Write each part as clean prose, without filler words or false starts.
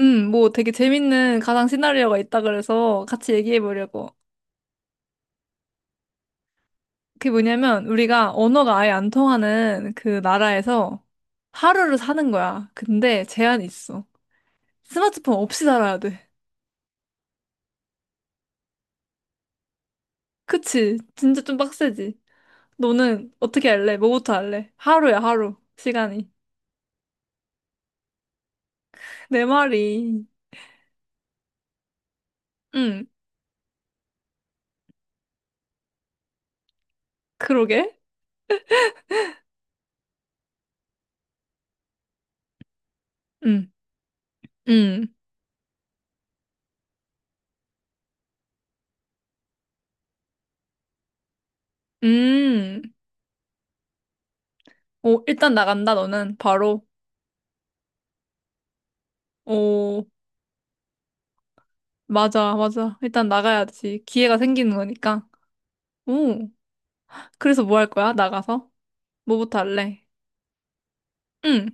뭐 되게 재밌는 가상 시나리오가 있다 그래서 같이 얘기해 보려고. 그게 뭐냐면 우리가 언어가 아예 안 통하는 그 나라에서 하루를 사는 거야. 근데 제한이 있어. 스마트폰 없이 살아야 돼. 그치? 진짜 좀 빡세지? 너는 어떻게 할래? 뭐부터 할래? 하루야, 하루. 시간이. 내 말이. 응, 그러게. 응, 응, 음. 오, 일단 나간다, 너는. 바로. 오. 맞아, 맞아. 일단 나가야지. 기회가 생기는 거니까. 오. 그래서 뭐 할 거야? 나가서? 뭐부터 할래? 응,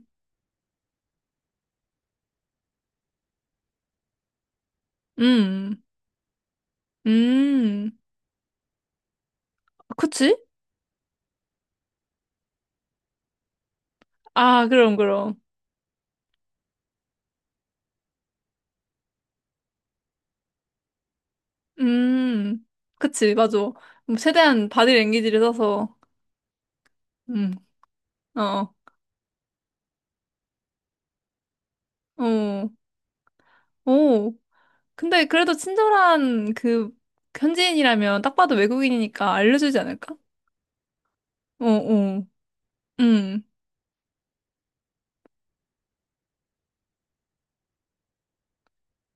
음, 음. 그치? 아, 그럼, 그럼. 음. 그치, 맞아. 뭐 최대한 바디 랭귀지를 써서. 음, 어, 어, 오. 근데 그래도 친절한 그 현지인이라면 딱 봐도 외국인이니까 알려주지 않을까? 어, 어. 음.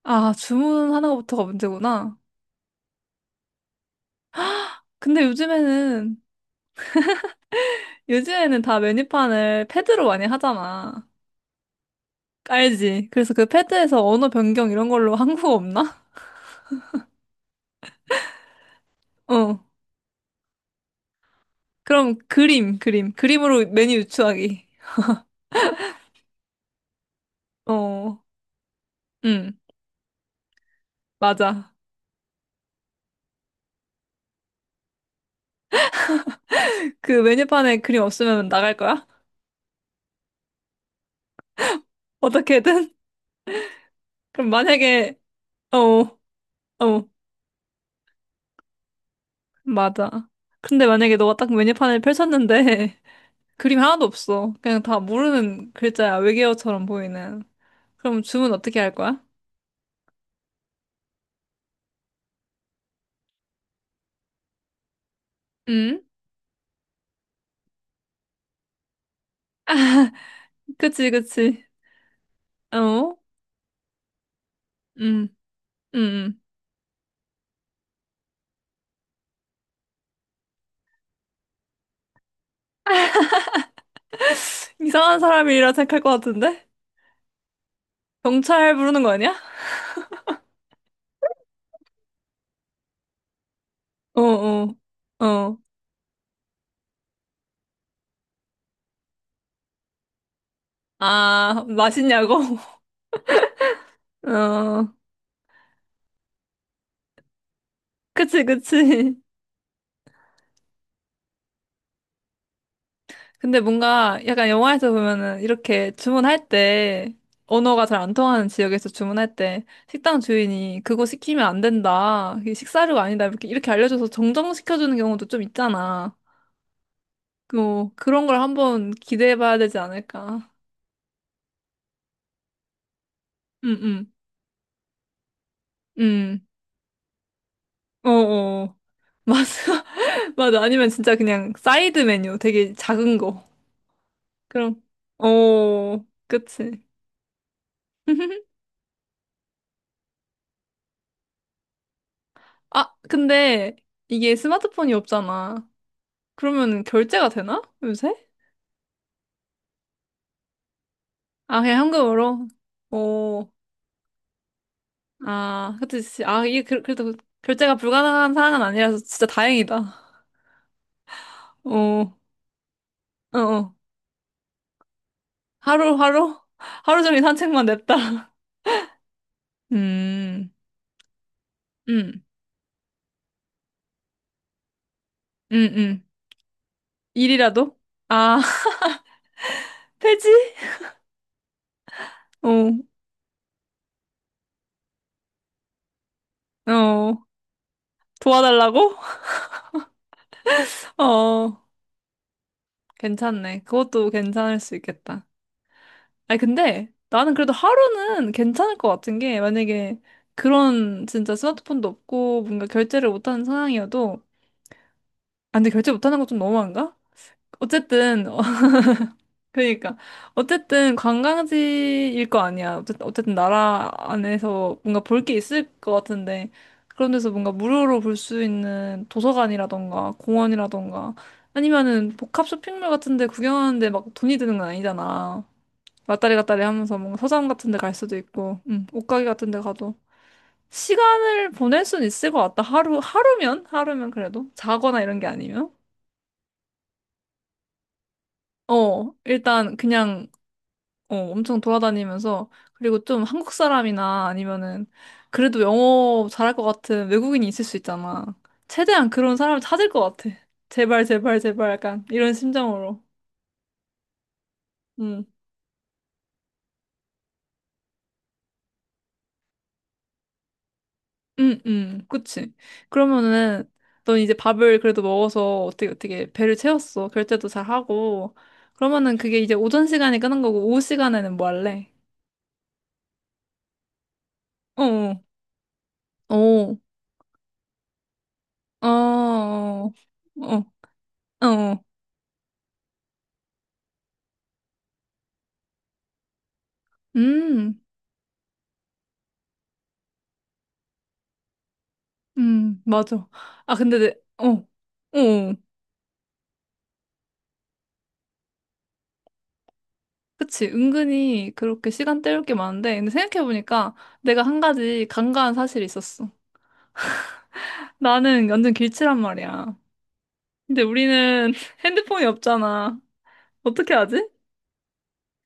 아, 주문하는 것부터가 문제구나. 근데 요즘에는 다 메뉴판을 패드로 많이 하잖아. 알지? 그래서 그 패드에서 언어 변경 이런 걸로 한국어 없나? 어. 그럼 그림, 그림. 그림으로 메뉴 유추하기. 어. 응, 맞아. 그 메뉴판에 그림 없으면 나갈 거야? 어떻게든? 그럼 만약에, 어, 어, 맞아. 근데 만약에 너가 딱 메뉴판을 펼쳤는데 그림 하나도 없어. 그냥 다 모르는 글자야. 외계어처럼 보이는. 그럼 주문 어떻게 할 거야? 응? 그치, 그치. 어? 음, 음, 이상한 사람이라 생각할 것 같은데? 경찰 부르는 거 아니야? 어, 어, 어. 아, 맛있냐고? 어, 그치, 그치. 근데 뭔가 약간 영화에서 보면은 이렇게 주문할 때, 언어가 잘 안 통하는 지역에서 주문할 때, 식당 주인이 그거 시키면 안 된다. 이게 식사료가 아니다. 이렇게, 이렇게 알려줘서 정정시켜주는 경우도 좀 있잖아. 그, 뭐, 그런 걸 한번 기대해 봐야 되지 않을까. 음, 음, 음. 어어. 맞아. 맞아. 아니면 진짜 그냥 사이드 메뉴 되게 작은 거. 그럼, 어, 그치. 아, 근데 이게 스마트폰이 없잖아. 그러면 결제가 되나? 요새? 아, 그냥 현금으로? 어, 아, 그치. 아, 이게 그, 그래도 결제가 불가능한 상황은 아니라서 진짜 다행이다. 어, 어, 어. 하루, 하루? 하루 종일 산책만 냅다. 음, 음, 음, 음. 일이라도? 아, 폐지? 어, 어, 도와달라고? 어, 괜찮네. 그것도 괜찮을 수 있겠다. 아니, 근데 나는 그래도 하루는 괜찮을 것 같은 게, 만약에 그런 진짜 스마트폰도 없고 뭔가 결제를 못하는 상황이어도, 아, 근데 결제 못하는 거 좀 너무한가? 어쨌든, 그러니까 어쨌든 관광지일 거 아니야. 어쨌든 나라 안에서 뭔가 볼 게 있을 것 같은데 그런 데서 뭔가 무료로 볼 수 있는 도서관이라던가 공원이라던가 아니면은 복합 쇼핑몰 같은 데 구경하는데 막 돈이 드는 건 아니잖아. 왔다리 갔다리 하면서 뭔가 서점 같은 데 갈 수도 있고 옷가게 같은 데 가도 시간을 보낼 순 있을 것 같다. 하루면 그래도 자거나 이런 게 아니면 일단 그냥 엄청 돌아다니면서 그리고 좀 한국 사람이나 아니면은 그래도 영어 잘할 것 같은 외국인이 있을 수 있잖아. 최대한 그런 사람을 찾을 것 같아. 제발 제발 제발 약간 이런 심정으로. 응. 응, 응. 그치. 그러면은 넌 이제 밥을 그래도 먹어서 어떻게 어떻게 배를 채웠어. 결제도 잘 하고. 그러면은 그게 이제 오전 시간에 끄는 거고 오후 시간에는 뭐 할래? 어. 어. 어. 어. 어. 어. 어. 음. 맞아. 아, 근데, 어, 그치. 은근히 그렇게 시간 때울 게 많은데, 근데 생각해보니까 내가 한 가지 간과한 사실이 있었어. 나는 완전 길치란 말이야. 근데 우리는 핸드폰이 없잖아. 어떻게 하지?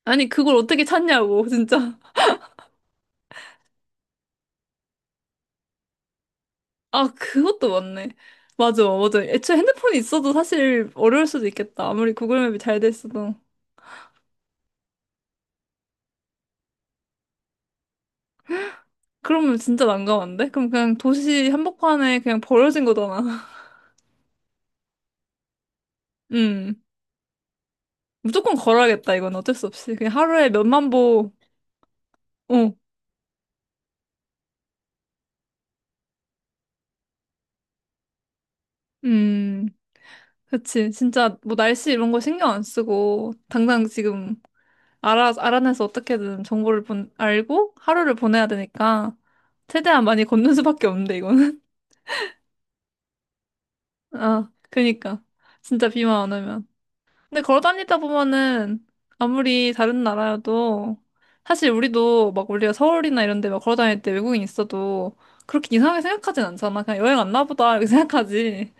아니, 그걸 어떻게 찾냐고, 진짜. 아, 그것도 맞네. 맞아, 맞아. 애초에 핸드폰이 있어도 사실 어려울 수도 있겠다. 아무리 구글맵이 잘 돼 있어도. 그러면 진짜 난감한데? 그럼 그냥 도시 한복판에 그냥 버려진 거잖아. 음. 무조건 걸어야겠다, 이건 어쩔 수 없이. 그냥 하루에 몇만 보, 어, 음, 그치. 진짜 뭐 날씨 이런 거 신경 안 쓰고, 당장 지금 알아내서 어떻게든 정보를 알고 하루를 보내야 되니까, 최대한 많이 걷는 수밖에 없는데, 이거는. 아, 그니까. 진짜 비만 안 오면. 근데 걸어 다니다 보면은, 아무리 다른 나라여도, 사실 우리도 막 우리가 서울이나 이런 데 막 걸어 다닐 때 외국인 있어도, 그렇게 이상하게 생각하진 않잖아. 그냥 여행 왔나 보다, 이렇게 생각하지.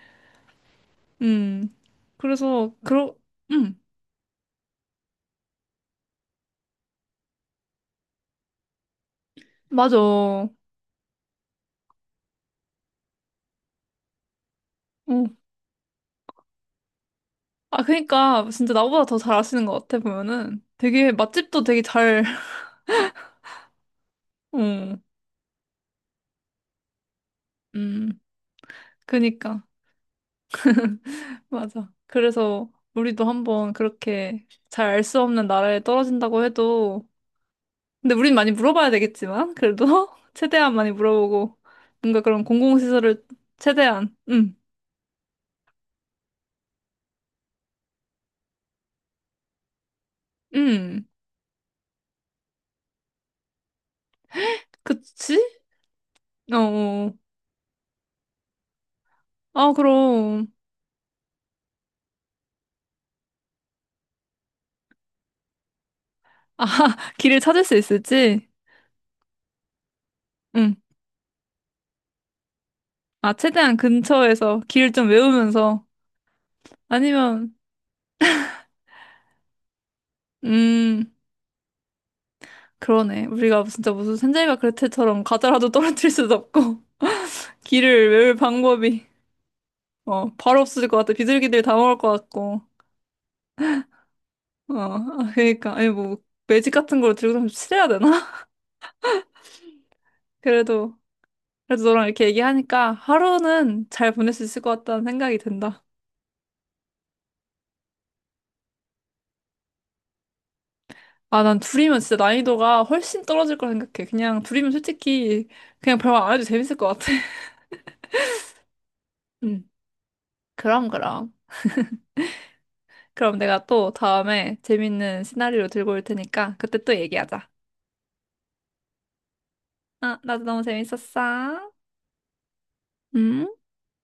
음. 그래서 그러 음. 맞아. 어. 아 그러니까 진짜 나보다 더 잘 아시는 것 같아 보면은 되게 맛집도 되게 잘. 어. 음. 그니까 맞아. 그래서 우리도 한번 그렇게 잘 알 수 없는 나라에 떨어진다고 해도 근데 우린 많이 물어봐야 되겠지만 그래도 최대한 많이 물어보고 뭔가 그런 공공시설을 최대한 음. 그치? 어. 어. 아 그럼 아 길을 찾을 수 있을지? 응. 아, 최대한 근처에서 길 좀 외우면서 아니면 음, 그러네. 우리가 진짜 무슨 산자이가 그레텔처럼 과자라도 떨어뜨릴 수도 없고 길을 외울 방법이. 어, 바로 없어질 것 같아. 비둘기들 다 먹을 것 같고. 어, 아, 그러니까 아니 뭐 매직 같은 걸 들고 좀 칠해야 되나? 그래도 그래도 너랑 이렇게 얘기하니까 하루는 잘 보낼 수 있을 것 같다는 생각이 든다. 아, 난 둘이면 진짜 난이도가 훨씬 떨어질 거라 생각해. 그냥 둘이면 솔직히 그냥 별말 안 해도 재밌을 것 같아. 음. 그럼, 그럼. 그럼 내가 또 다음에 재밌는 시나리오 들고 올 테니까 그때 또 얘기하자. 아, 나도 너무 재밌었어. 음.